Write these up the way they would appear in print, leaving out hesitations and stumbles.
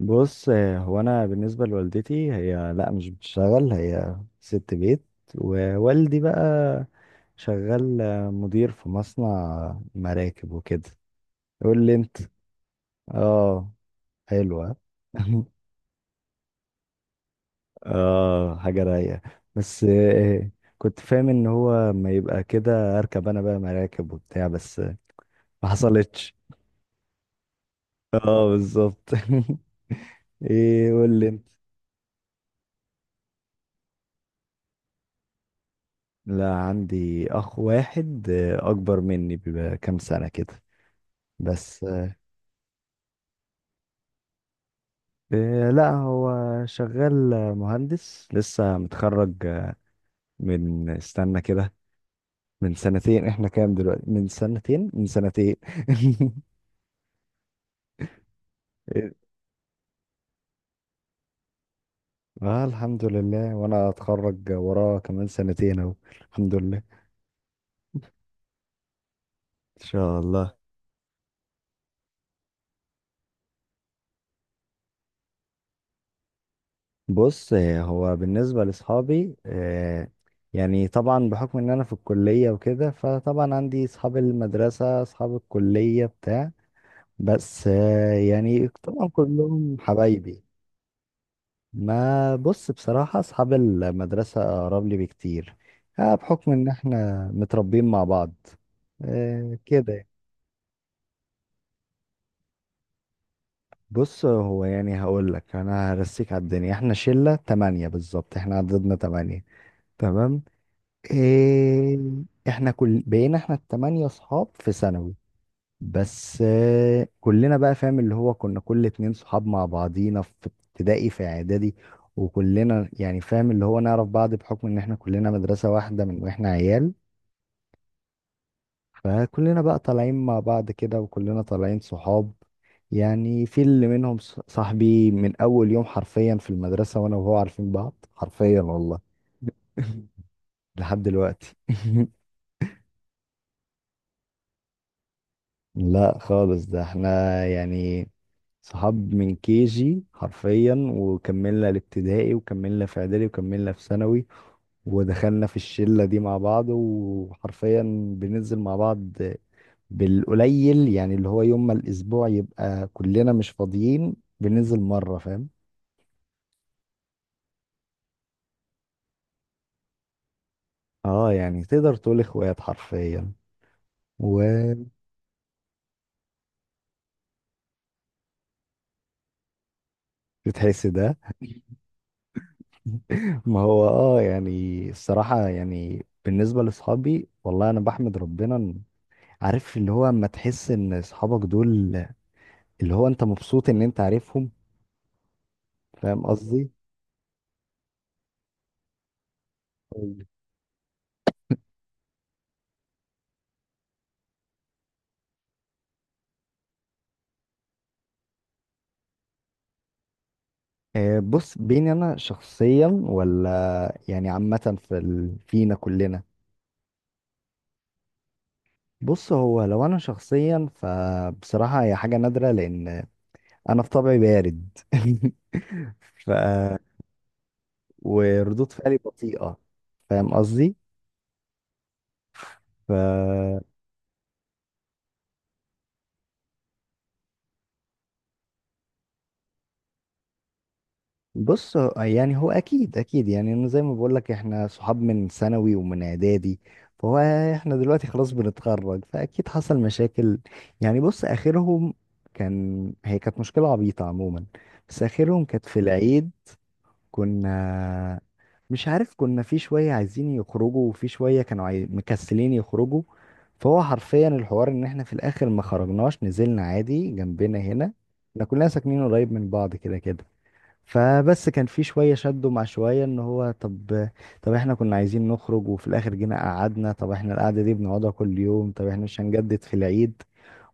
بص هو انا بالنسبه لوالدتي، هي لا مش بتشتغل، هي ست بيت. ووالدي بقى شغال مدير في مصنع مراكب وكده. قول لي انت. اه، حلوه. اه، حاجه رايقه. بس كنت فاهم ان هو ما يبقى كده، اركب انا بقى مراكب وبتاع. بس ما حصلتش. اه بالظبط. ايه؟ قول لي. لا، عندي اخ واحد اكبر مني بكام سنة كده. بس لا هو شغال مهندس لسه متخرج من، استنى كده، من سنتين. احنا كام دلوقتي؟ من سنتين، اه، الحمد لله. وانا اتخرج وراه كمان سنتين اهو. الحمد لله. ان شاء الله. بص هو بالنسبة لأصحابي يعني طبعا بحكم إن أنا في الكلية وكده، فطبعا عندي أصحاب المدرسة أصحاب الكلية بتاع. بس يعني طبعا كلهم حبايبي. ما بص، بصراحة أصحاب المدرسة أقرب لي بكتير بحكم إن إحنا متربيين مع بعض كده يعني. بص هو يعني هقول لك، أنا هرسيك على الدنيا. إحنا شلة تمانية بالظبط، إحنا عددنا تمانية. تمام. إيه. احنا كل بقينا، احنا التمانية صحاب في ثانوي. بس كلنا بقى فاهم اللي هو، كنا كل اتنين صحاب مع بعضينا في ابتدائي، في اعدادي. وكلنا يعني فاهم اللي هو نعرف بعض بحكم ان احنا كلنا مدرسة واحدة من واحنا عيال. فكلنا بقى طالعين مع بعض كده، وكلنا طالعين صحاب. يعني في اللي منهم صاحبي من اول يوم حرفيا في المدرسة، وانا وهو عارفين بعض حرفيا والله. لحد دلوقتي. لا خالص، ده احنا يعني صحاب من كي جي حرفيا، وكملنا الابتدائي وكملنا في اعدادي وكملنا في ثانوي. ودخلنا في الشلة دي مع بعض، وحرفيا بننزل مع بعض. بالقليل يعني، اللي هو يوم ما الاسبوع يبقى كلنا مش فاضيين بننزل مرة، فاهم؟ اه يعني تقدر تقول اخوات حرفيا. وبتحس. ده، ما هو اه، يعني الصراحة يعني، بالنسبة لاصحابي والله انا بحمد ربنا. عارف اللي هو، اما تحس ان اصحابك دول، اللي هو انت مبسوط ان انت عارفهم، فاهم قصدي؟ قولي. بص، بيني انا شخصيا ولا يعني عامة في فينا كلنا؟ بص هو، لو انا شخصيا فبصراحة هي حاجة نادرة، لان انا في طبعي بارد. ف وردود فعلي بطيئة. فاهم قصدي؟ ف بص يعني، هو اكيد اكيد يعني انا زي ما بقول لك، احنا صحاب من ثانوي ومن اعدادي. فهو، احنا دلوقتي خلاص بنتخرج، فاكيد حصل مشاكل. يعني بص اخرهم، كان، هي كانت مشكلة عبيطة عموما، بس اخرهم كانت في العيد. كنا، مش عارف، كنا في شوية عايزين يخرجوا وفي شوية كانوا مكسلين يخرجوا. فهو حرفيا الحوار ان احنا في الاخر ما خرجناش، نزلنا عادي جنبنا هنا. احنا كلنا ساكنين قريب من بعض كده كده. فبس كان في شوية شدوا مع شوية، ان هو طب طب احنا كنا عايزين نخرج، وفي الاخر جينا قعدنا، طب احنا القعدة دي بنقعدها كل يوم، طب احنا مش هنجدد في العيد.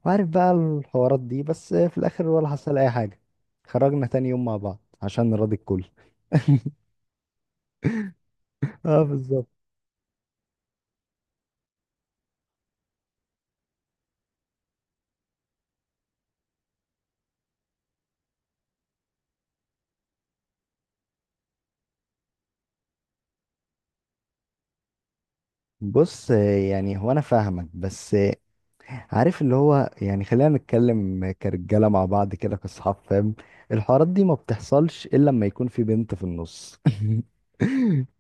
وعارف بقى الحوارات دي، بس في الاخر ولا حصل اي حاجة. خرجنا تاني يوم مع بعض عشان نراضي الكل. اه بالظبط. بص يعني، هو انا فاهمك، بس عارف اللي هو يعني، خلينا نتكلم كرجاله مع بعض كده كاصحاب، فاهم؟ الحوارات دي ما بتحصلش الا لما يكون في بنت في النص.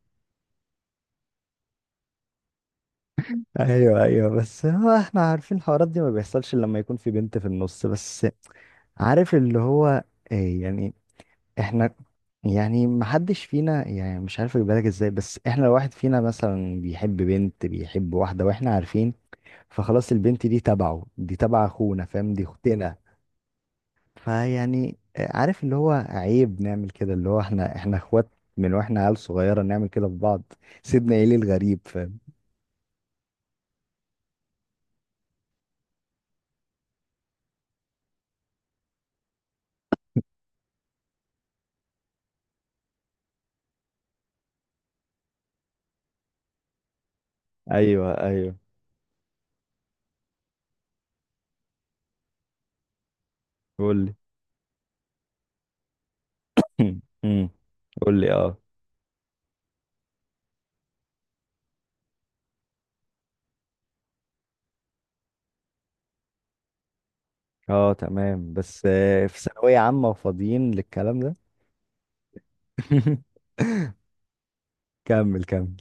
ايوه ايوه، بس هو احنا عارفين الحوارات دي ما بيحصلش إلا لما يكون في بنت في النص بس. عارف اللي هو إيه يعني، احنا، يعني محدش فينا، يعني مش عارف اجيب بالك ازاي، بس احنا لو واحد فينا مثلا بيحب بنت، بيحب واحدة واحنا عارفين. فخلاص البنت دي تبعه، دي تبع اخونا، فاهم، دي اختنا. فيعني عارف اللي هو، عيب نعمل كده، اللي هو احنا اخوات، من واحنا عيال صغيرة نعمل كده في بعض. سيدنا ايه الغريب، فاهم؟ ايوه ايوه، قول لي. مم. مم. قول لي. اه. اه تمام، بس في ثانوية عامة وفاضيين للكلام ده. كمل كمل.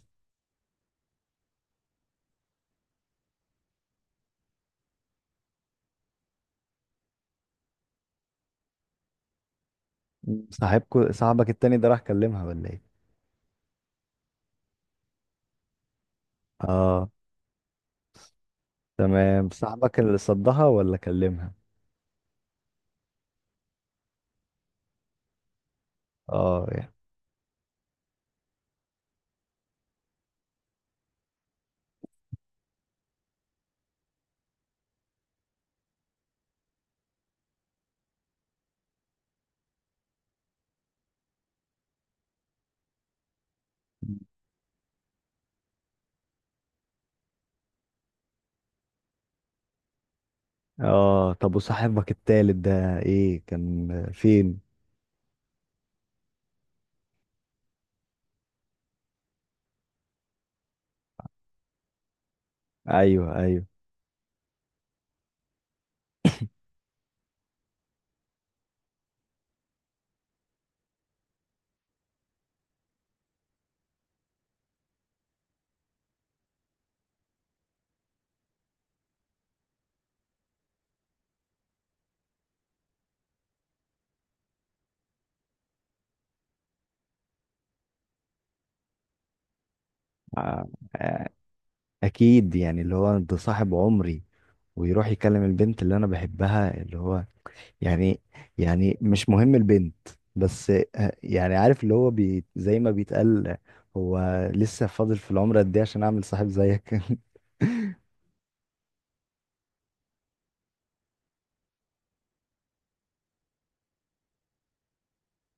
صاحبك التاني ده راح كلمها ولا ايه؟ اه تمام، صاحبك اللي صدها ولا كلمها؟ اه يعني. اه، طب وصاحبك التالت ده ايه، كان فين؟ ايوه ايوه. آه. آه، اكيد يعني اللي هو، ده صاحب عمري، ويروح يكلم البنت اللي انا بحبها، اللي هو يعني يعني مش مهم البنت. بس يعني عارف اللي هو زي ما بيتقال، هو لسه فاضل في العمر قد ايه عشان اعمل صاحب زيك؟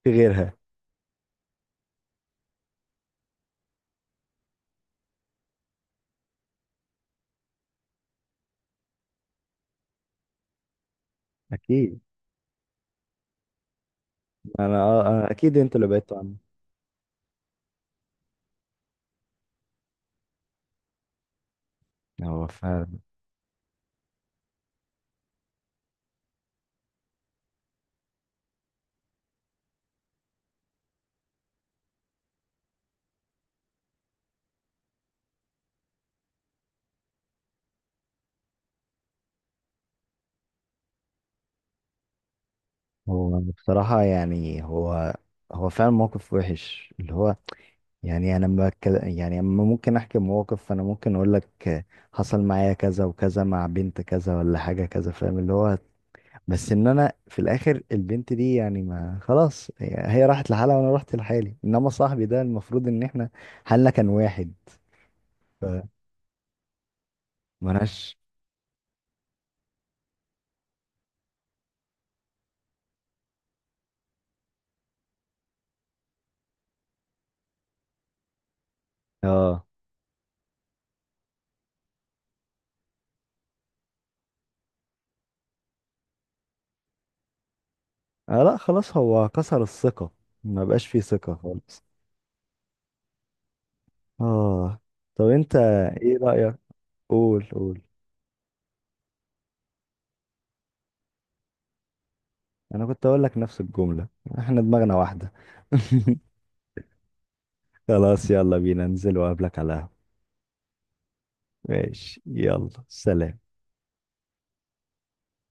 في غيرها اكيد. انا آه، آه، اكيد انتوا اللي بعدتوا عنه. هو فعلا. هو بصراحة يعني، هو فعلا موقف وحش اللي هو. يعني انا لما يعني اما ممكن احكي موقف، فانا ممكن اقول لك حصل معايا كذا وكذا مع بنت كذا ولا حاجة كذا، فاهم اللي هو. بس ان انا في الاخر، البنت دي يعني ما خلاص، هي راحت لحالها وانا رحت لحالي، انما صاحبي ده المفروض ان احنا حالنا كان واحد. فمالهاش. اه. آه لا، خلاص هو كسر الثقة، ما بقاش فيه ثقة خالص. اه، طب انت، ايه رأيك؟ قول قول. انا كنت اقول لك نفس الجملة. احنا دماغنا واحدة. خلاص، يلا بينا، انزل وقابلك على القهوة. ماشي. يلا سلام.